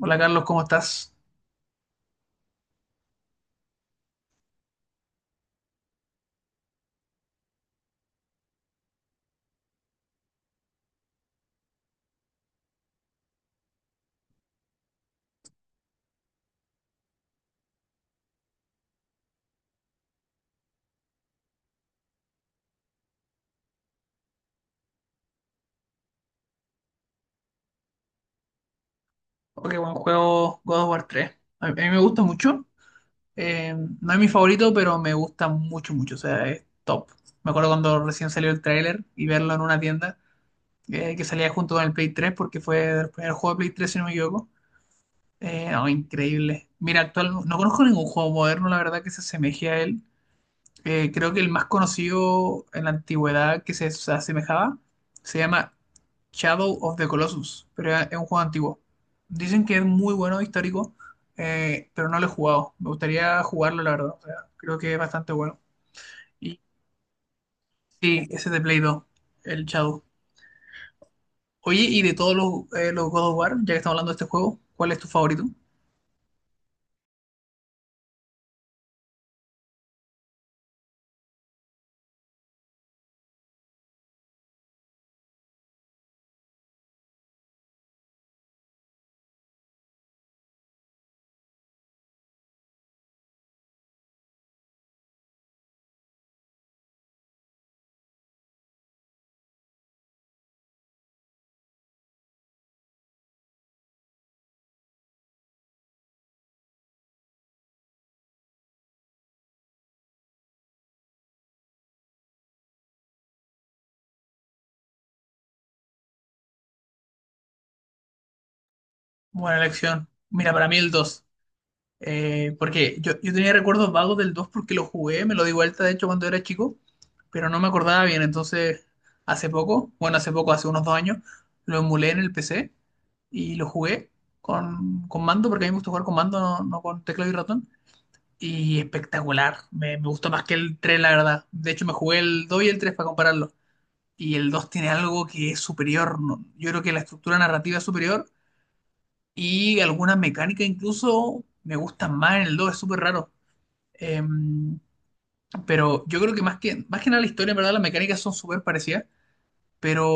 Hola Carlos, ¿cómo estás? Ok, buen juego God of War tres. A mí me gusta mucho. Eh, no es mi favorito, pero me gusta mucho, mucho. O sea, es top. Me acuerdo cuando recién salió el tráiler y verlo en una tienda que salía junto con el Play tres, porque fue el primer juego de Play 3, si no me equivoco. No, increíble. Mira, actual, no conozco ningún juego moderno, la verdad, que se asemeje a él. Creo que el más conocido en la antigüedad que se asemejaba se llama Shadow of the Colossus, pero es un juego antiguo. Dicen que es muy bueno, histórico, pero no lo he jugado. Me gustaría jugarlo, la verdad. O sea, creo que es bastante bueno. Y sí, ese es de Play 2, el Shadow. Oye, y de todos los God of War, ya que estamos hablando de este juego, ¿cuál es tu favorito? Buena elección. Mira, para mí el 2. Porque yo tenía recuerdos vagos del 2 porque lo jugué, me lo di vuelta de hecho cuando era chico, pero no me acordaba bien. Entonces, hace poco, hace unos dos años, lo emulé en el PC y lo jugué con mando, porque a mí me gusta jugar con mando, no con teclado y ratón. Y espectacular, me gustó más que el 3 la verdad. De hecho, me jugué el 2 y el 3 para compararlo. Y el 2 tiene algo que es superior, ¿no? Yo creo que la estructura narrativa es superior y alguna mecánica incluso me gustan más en el dos, es súper raro. Em, pero yo creo que más que nada la historia, en verdad, las mecánicas son súper parecidas, pero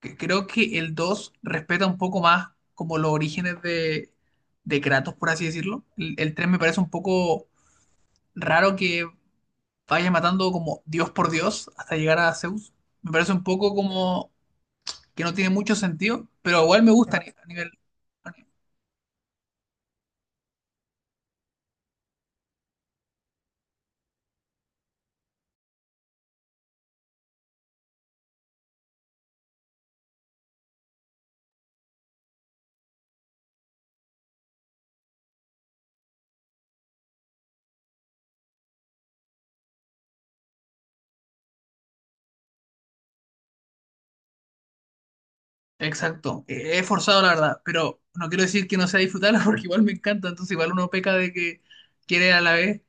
creo que el 2 respeta un poco más como los orígenes de Kratos, por así decirlo. El 3 me parece un poco raro que vaya matando como Dios por Dios hasta llegar a Zeus. Me parece un poco como que no tiene mucho sentido, pero igual me gusta a ni- a nivel. Exacto, he forzado la verdad, pero no quiero decir que no sea disfrutarla porque igual me encanta, entonces igual uno peca de que quiere a la vez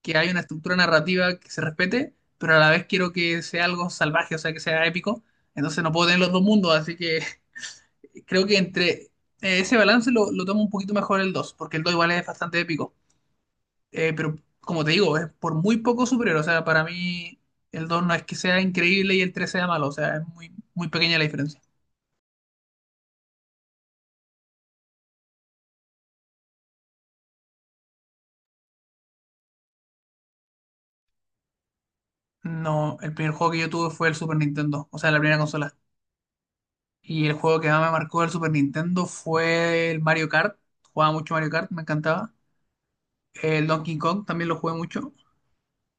que haya una estructura narrativa que se respete, pero a la vez quiero que sea algo salvaje, o sea, que sea épico, entonces no puedo tener los dos mundos, así que creo que entre ese balance lo tomo un poquito mejor el 2, porque el 2 igual es bastante épico. Pero como te digo, es por muy poco superior, o sea, para mí el 2 no es que sea increíble y el 3 sea malo, o sea, es muy, muy pequeña la diferencia. No, el primer juego que yo tuve fue el Super Nintendo, o sea, la primera consola. Y el juego que más me marcó del Super Nintendo fue el Mario Kart. Jugaba mucho Mario Kart, me encantaba. El Donkey Kong también lo jugué mucho,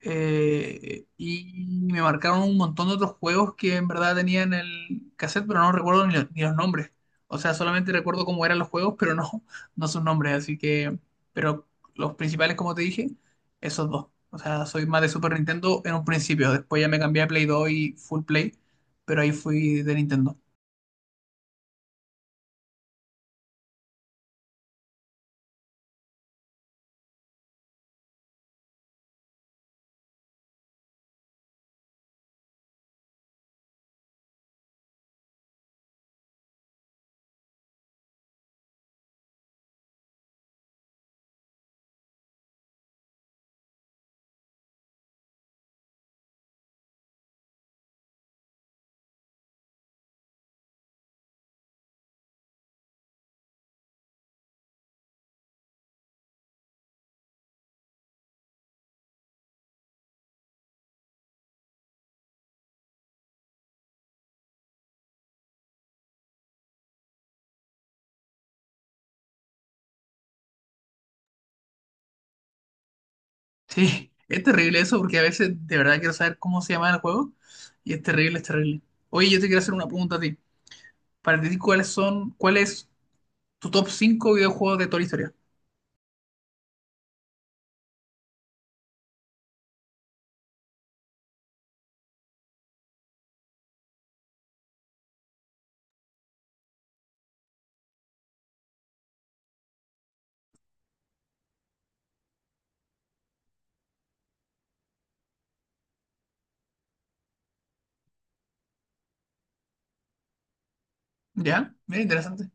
y me marcaron un montón de otros juegos que en verdad tenía en el cassette, pero no recuerdo ni los nombres. O sea, solamente recuerdo cómo eran los juegos, pero no, no sus nombres. Así que, pero los principales, como te dije, esos dos. O sea, soy más de Super Nintendo en un principio. Después ya me cambié a Play 2 y Full Play, pero ahí fui de Nintendo. Sí, es terrible eso porque a veces de verdad quiero saber cómo se llama el juego y es terrible, es terrible. Oye, yo te quiero hacer una pregunta a ti. Para ti, ¿cuál es tu top 5 videojuegos de toda la historia? ¿Ya? Mira, interesante.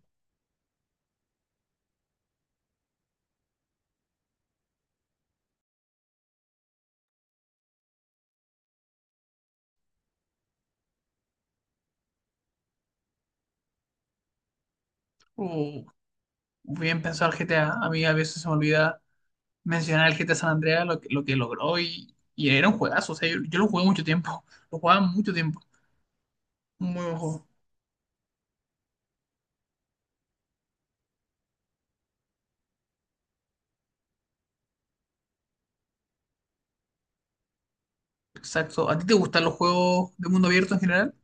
Uh, bien pensado el GTA. A mí a veces se me olvida mencionar el GTA San Andreas, lo que logró y era un juegazo. O sea, yo lo jugué mucho tiempo. Lo jugaba mucho tiempo. Un muy buen juego. Exacto. ¿A ti te gustan los juegos de mundo abierto en general?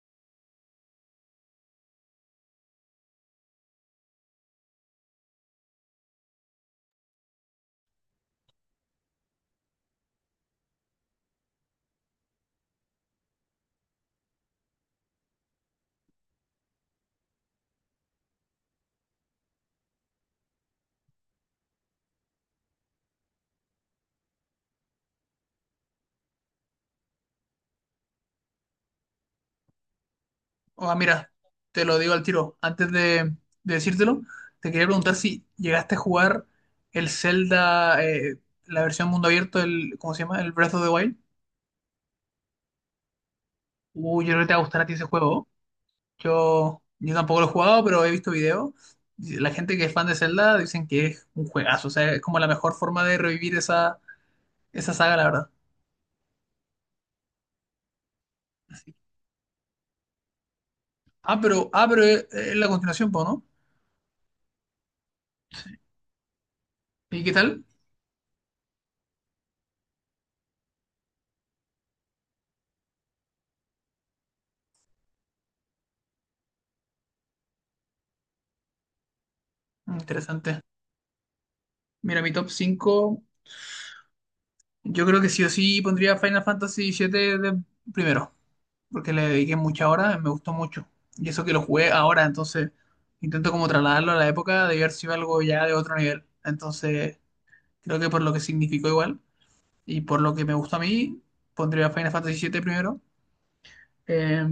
O ah, mira, te lo digo al tiro. De decírtelo, te quería preguntar si llegaste a jugar el Zelda, la versión mundo abierto, el, ¿cómo se llama? El Breath of the Wild. Uy, yo creo que te va a gustar a ti ese juego. Yo tampoco lo he jugado, pero he visto videos. La gente que es fan de Zelda dicen que es un juegazo, o sea, es como la mejor forma de revivir esa saga, la verdad. Así. Ah, pero es la continuación, po, ¿no? ¿Y qué tal? Mm, interesante. Mira, mi top 5 yo creo que sí o sí pondría Final Fantasy siete de primero, porque le dediqué mucha hora, me gustó mucho. Y eso que lo jugué ahora, entonces intento como trasladarlo a la época de haber sido algo ya de otro nivel. Entonces, creo que por lo que significó igual. Y por lo que me gusta a mí, pondría Final Fantasy siete primero. Eh,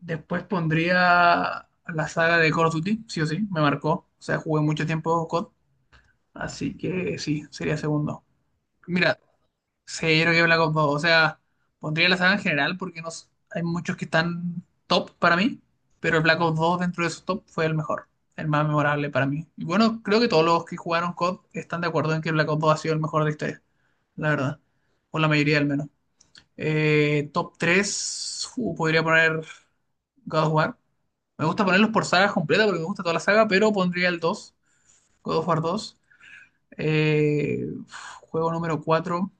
Después pondría la saga de Call of Duty, sí o sí, me marcó. O sea, jugué mucho tiempo COD, así que sí, sería segundo. Mira, cero que Black Ops dos. O sea, pondría la saga en general porque no, hay muchos que están top para mí, pero el Black Ops dos dentro de esos top fue el mejor, el más memorable para mí. Y bueno, creo que todos los que jugaron COD están de acuerdo en que Black Ops dos ha sido el mejor de la historia, la verdad. O la mayoría al menos. Top 3, podría poner God of War. Me gusta ponerlos por sagas completas porque me gusta toda la saga, pero pondría el 2, God of War dos. Eh, juego número 4,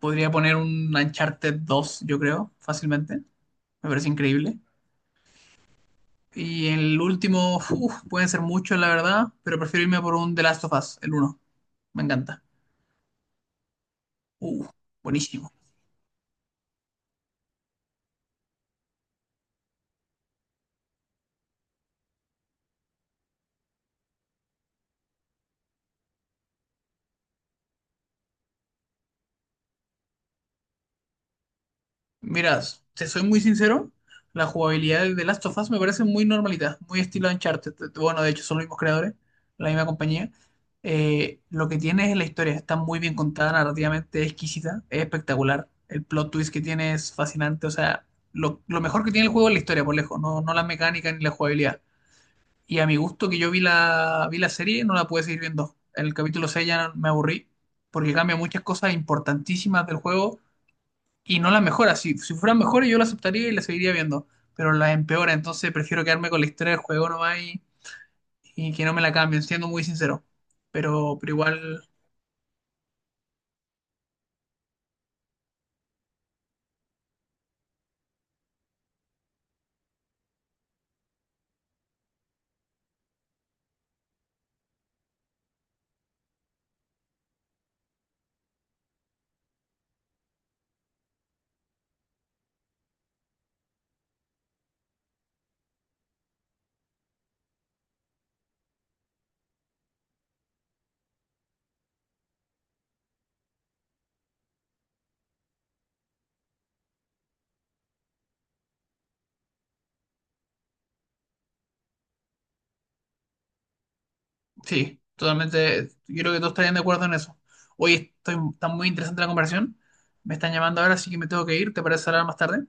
podría poner un Uncharted dos, yo creo, fácilmente. Me parece increíble. Y el último, uf, pueden ser muchos, la verdad, pero prefiero irme por un The Last of Us, el uno. Me encanta. Uh, buenísimo. Mira, te soy muy sincero, la jugabilidad de The Last of Us me parece muy normalita, muy estilo Uncharted. Bueno, de hecho son los mismos creadores, la misma compañía. Lo que tiene es la historia, está muy bien contada, narrativamente exquisita, es espectacular. El plot twist que tiene es fascinante, o sea, lo mejor que tiene el juego es la historia, por lejos, no la mecánica ni la jugabilidad. Y a mi gusto que yo vi la serie, no la pude seguir viendo. En el capítulo 6 ya me aburrí, porque cambia muchas cosas importantísimas del juego y no las mejora. Si fueran mejores, yo las aceptaría y las seguiría viendo, pero las empeora. Entonces prefiero quedarme con la historia del juego nomás y que no me la cambien, siendo muy sincero. Pero igual, sí, totalmente. Yo creo que todos estarían de acuerdo en eso. Hoy estoy, está muy interesante la conversación. Me están llamando ahora, así que me tengo que ir. ¿Te parece hablar más tarde?